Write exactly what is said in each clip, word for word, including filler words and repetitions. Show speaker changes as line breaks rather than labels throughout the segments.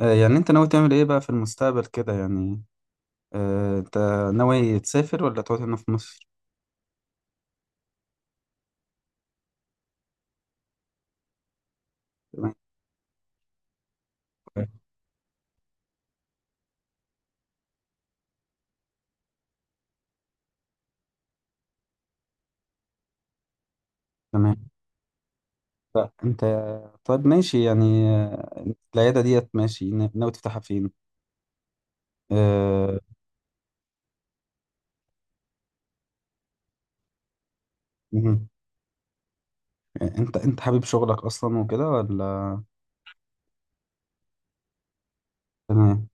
آه، يعني انت ناوي تعمل ايه بقى في المستقبل كده يعني. آه، انت ناوي تسافر ولا تقعد هنا في مصر؟ تمام تمام. انت طيب ماشي يعني، آه، العيادة ديت ماشي نا- ناوي تفتحها فين؟ آه، مهم. انت انت حابب شغلك اصلا وكده ولا؟ تمام،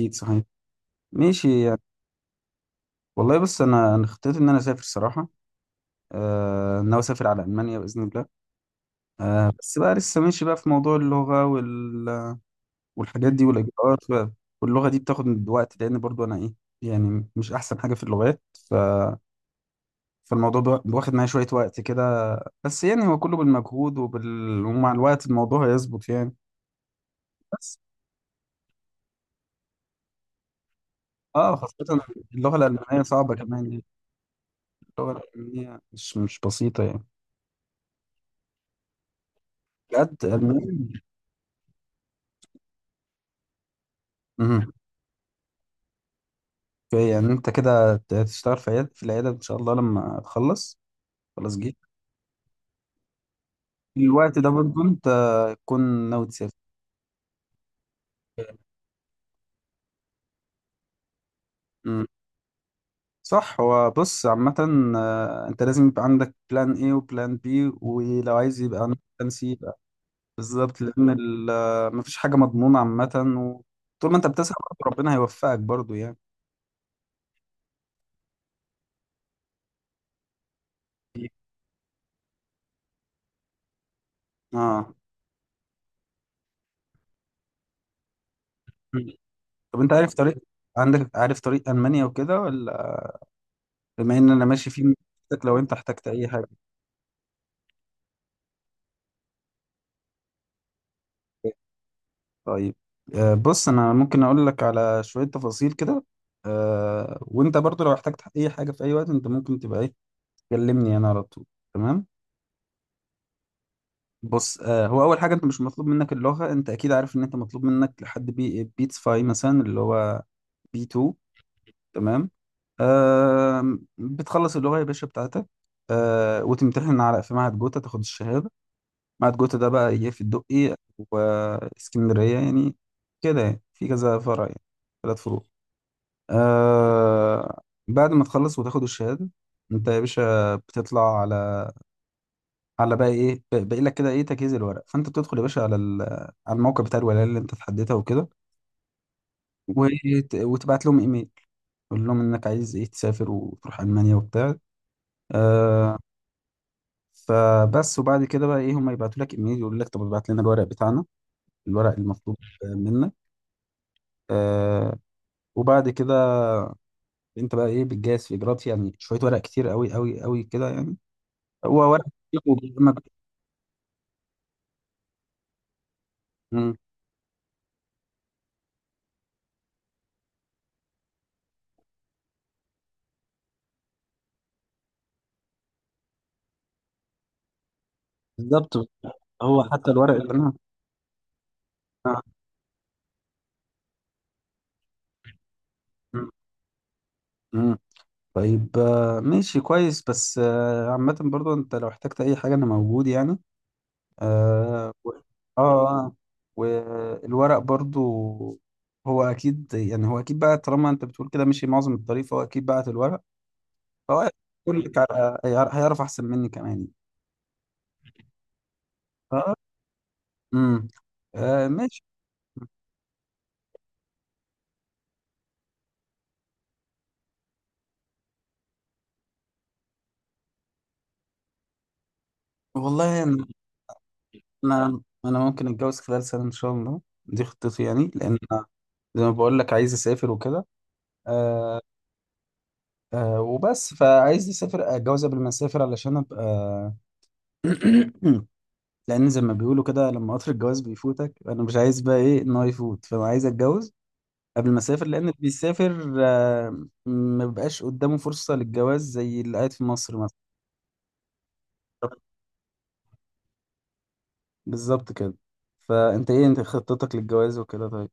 اكيد صحيح، ماشي يعني. والله بص انا أنا خطيت ان انا اسافر صراحة. آه، ناوي اسافر على المانيا باذن الله. آه، بس بقى لسه ماشي بقى في موضوع اللغة وال والحاجات دي والاجراءات ف- واللغه دي بتاخد من وقت لان برضو انا ايه، يعني مش احسن حاجه في اللغات. ف فالموضوع بوا- واخد معايا شويه وقت كده. بس يعني هو كله بالمجهود وبال... ومع الوقت الموضوع هيظبط يعني. بس اه، خاصه اللغه الالمانيه صعبه كمان يعني، اللغه الالمانيه مش مش بسيطه يعني. بجد المهم مهم. في- يعني انت كده ت- تشتغل في عيادة في العياده ان شاء الله لما تخلص، خلاص جيت الوقت ده برضو انت تكون ناوي تسافر. صح، هو بص عامة، آه، انت لازم يبقى عندك بلان ايه وبلان بي، ولو عايز يبقى عندك بلان سي بقى. بالظبط لان ال- آه، مفيش حاجة مضمونة عامة. وطول ما انت بتسعى برضه ربنا هيوفقك برضه يعني. اه، مم. طب انت عارف طريق، عندك عارف طريق المانيا وكده ولا؟ بما ان انا ماشي فيه ممكن لو انت احتجت اي حاجة. طيب، آه، بص انا ممكن اقول لك على شوية تفاصيل كده. آه، وانت برضه لو احتجت اي حاجة في اي وقت انت ممكن تبقى ايه، تكلمني انا على طول. تمام. بص آه، هو اول حاجه انت مش مطلوب منك اللغه، انت اكيد عارف ان انت مطلوب منك لحد بي بيتس فاي مثلا، اللي هو بي اتنين. تمام. آه بتخلص اللغه يا باشا بتاعتك. آه وتمتحن على في معهد جوتا، تاخد الشهاده. معهد جوتا ده بقى ايه، في الدقي واسكندريه يعني، كده يعني في كذا فرع يعني، ثلاث فروع. آه، بعد ما تخلص وتاخد الشهاده انت يا باشا بتطلع على على بقى ايه، ب- باقي لك كده ايه تجهيز الورق. فانت بتدخل يا باشا على ال- على الموقع بتاع الولايه اللي انت تحددها وكده، وت- وتبعت لهم ايميل. قول لهم انك عايز ايه، تسافر وتروح المانيا وبتاع. آه، فبس. وبعد كده بقى ايه، هم يبعتوا لك ايميل يقول لك طب ابعت لنا الورق بتاعنا، الورق المطلوب منك. آه، وبعد كده انت بقى ايه بتجهز في اجراءات، يعني شويه ورق كتير قوي قوي قوي كده يعني. هو ورق كتير وبيقدمك- مم، بالظبط. هو حتى الورق اللي انا آه، مم، مم. طيب آه، ماشي كويس. بس آه، عامة برضو انت لو احتجت اي حاجة انا موجود يعني. اه و- اه، آه. والورق برضو، هو اكيد يعني، هو اكيد بقى طالما انت بتقول كده مشي معظم الطريق فهو اكيد بعت الورق. فهو يقول لك على- هيعرف، هيعرف احسن مني كمان. اه، امم، آه ماشي. والله انا، انا أنا ممكن اتجوز خلال سنة ان شاء الله، دي خطتي يعني لان أنا زي ما بقول لك عايز اسافر وكده. آه، آه وبس. فعايز اسافر اتجوز قبل ما اسافر علشان ابقى لان زي ما بيقولوا كده لما قطر الجواز بيفوتك انا مش عايز بقى ايه ان هو يفوت. فانا عايز اتجوز قبل ما اسافر، لان اللي بيسافر آه ما بيبقاش قدامه فرصة للجواز زي اللي قاعد في مصر مثلا. بالظبط كده. فانت ايه انت خطتك للجواز وكده طيب؟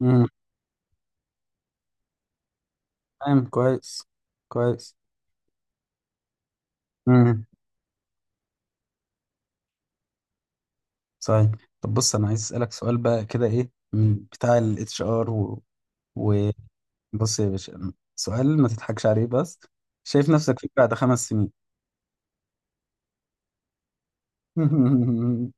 امم، تمام كويس، كويس. امم، صحيح. طب بص انا عايز اسالك سؤال بقى كده ايه، من بتاع الاتش ار و... بص يا باشا سؤال ما تضحكش عليه بس، شايف نفسك فين بعد خمس سنين؟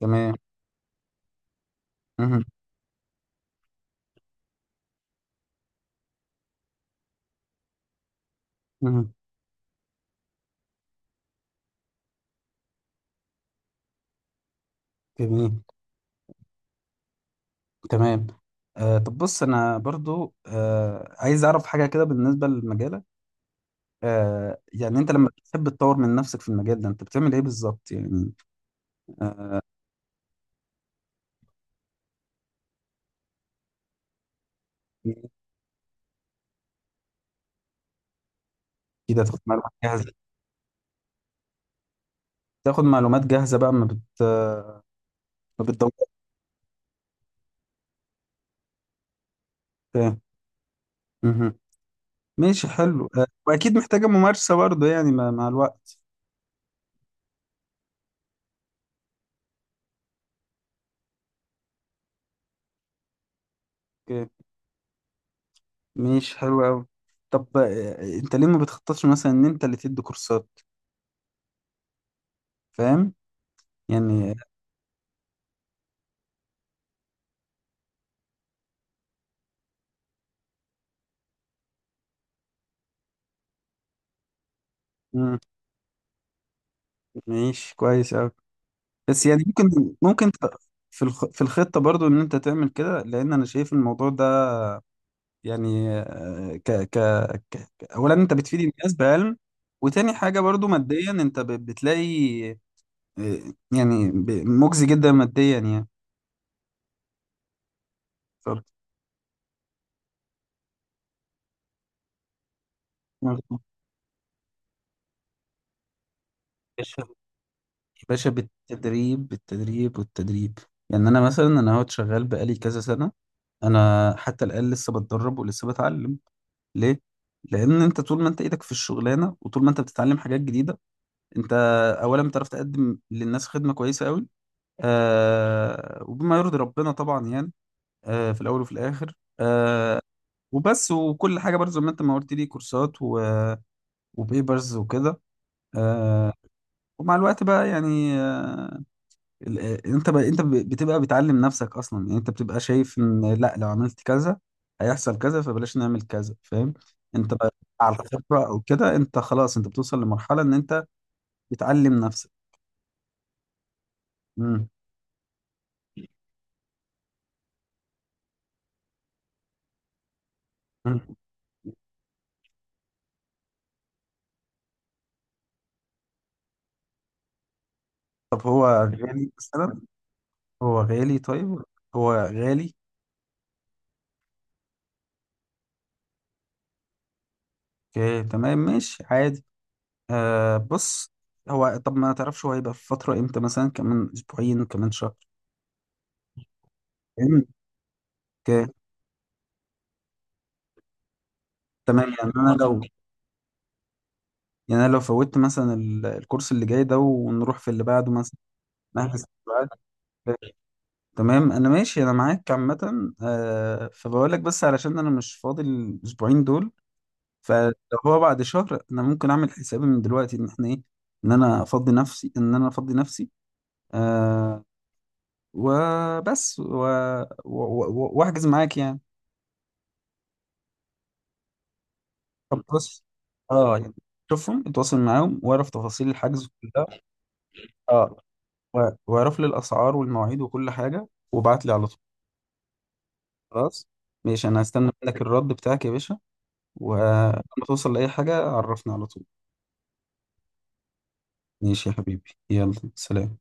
تمام، مهم. مهم. جميل. تمام. آه طب بص انا برضو آه عايز اعرف حاجه كده بالنسبه لمجالك. آه يعني انت لما بتحب تطور من نفسك في المجال ده انت بتعمل ايه بالظبط يعني؟ آه كده تاخد معلومات جاهزه، تاخد معلومات جاهزه بقى ما بت آه، ما بتدورش. آه، مهم. ماشي حلو، آه واكيد محتاجه ممارسه برضو يعني مع مع الوقت. ماشي حلو قوي. طب آه، انت ليه ما بتخططش مثلا ان انت اللي تدي كورسات؟ فاهم يعني؟ مم، ماشي كويس قوي. بس يعني ممكن ممكن ت- في الخ... في الخطة برضو ان انت تعمل كده لان انا شايف الموضوع ده يعني آه، ك... ك... ك... ك- اولا انت بتفيد الناس بعلم، وتاني حاجة برضو ماديا انت ب... بتلاقي آه، يعني ب... مجزي جدا ماديا يعني. ف... باشا بالتدريب، بالتدريب والتدريب يعني. انا مثلا انا اهوت شغال بقالي كذا سنه، انا حتى الان لسه بتدرب ولسه بتعلم. ليه؟ لان انت طول ما انت ايدك في الشغلانه وطول ما انت بتتعلم حاجات جديده انت اولا بتعرف تقدم للناس خدمه كويسه قوي، آه وبما يرضي ربنا طبعا يعني، آه في الاول وفي الاخر. آه وبس. وكل حاجه برضه زي ما انت ما قلت لي كورسات و... وبيبرز وكده. آه ومع الوقت بقى يعني آه، ال- آه، انت ب... انت ب... بتبقى بتعلم نفسك اصلا يعني، انت بتبقى شايف ان لا لو عملت كذا هيحصل كذا فبلاش نعمل كذا، فاهم؟ انت بقى على الخبرة او كده انت خلاص انت بتوصل لمرحلة ان انت بتعلم نفسك. مم. مم. طب هو غالي مثلا؟ هو غالي طيب؟ هو غالي؟ اوكي تمام ماشي عادي. آه بص، هو طب ما تعرفش هو هيبقى في فترة امتى مثلا، كمان اسبوعين كمان شهر؟ فاهم؟ اوكي تمام. يعني انا لو، يعني انا لو فوتت مثلا ال- الكورس اللي جاي ده ونروح في اللي بعده مثلا، نحجز في اللي بعده. تمام انا ماشي انا معاك عامه. آه فبقول لك بس علشان انا مش فاضي الاسبوعين دول. فلو هو بعد شهر انا ممكن اعمل حسابي من دلوقتي ان احنا ايه، ان انا افضي نفسي، ان انا افضي نفسي. آه وبس و- و- و- واحجز معاك يعني. طب بص اه يعني، شوفهم، اتواصل معاهم واعرف تفاصيل الحجز كلها. اه و- واعرف لي الاسعار والمواعيد وكل حاجه وابعت لي على طول. خلاص ماشي، انا هستنى منك الرد بتاعك يا باشا. ولما توصل لاي حاجه عرفني على طول. ماشي يا حبيبي، يلا سلام.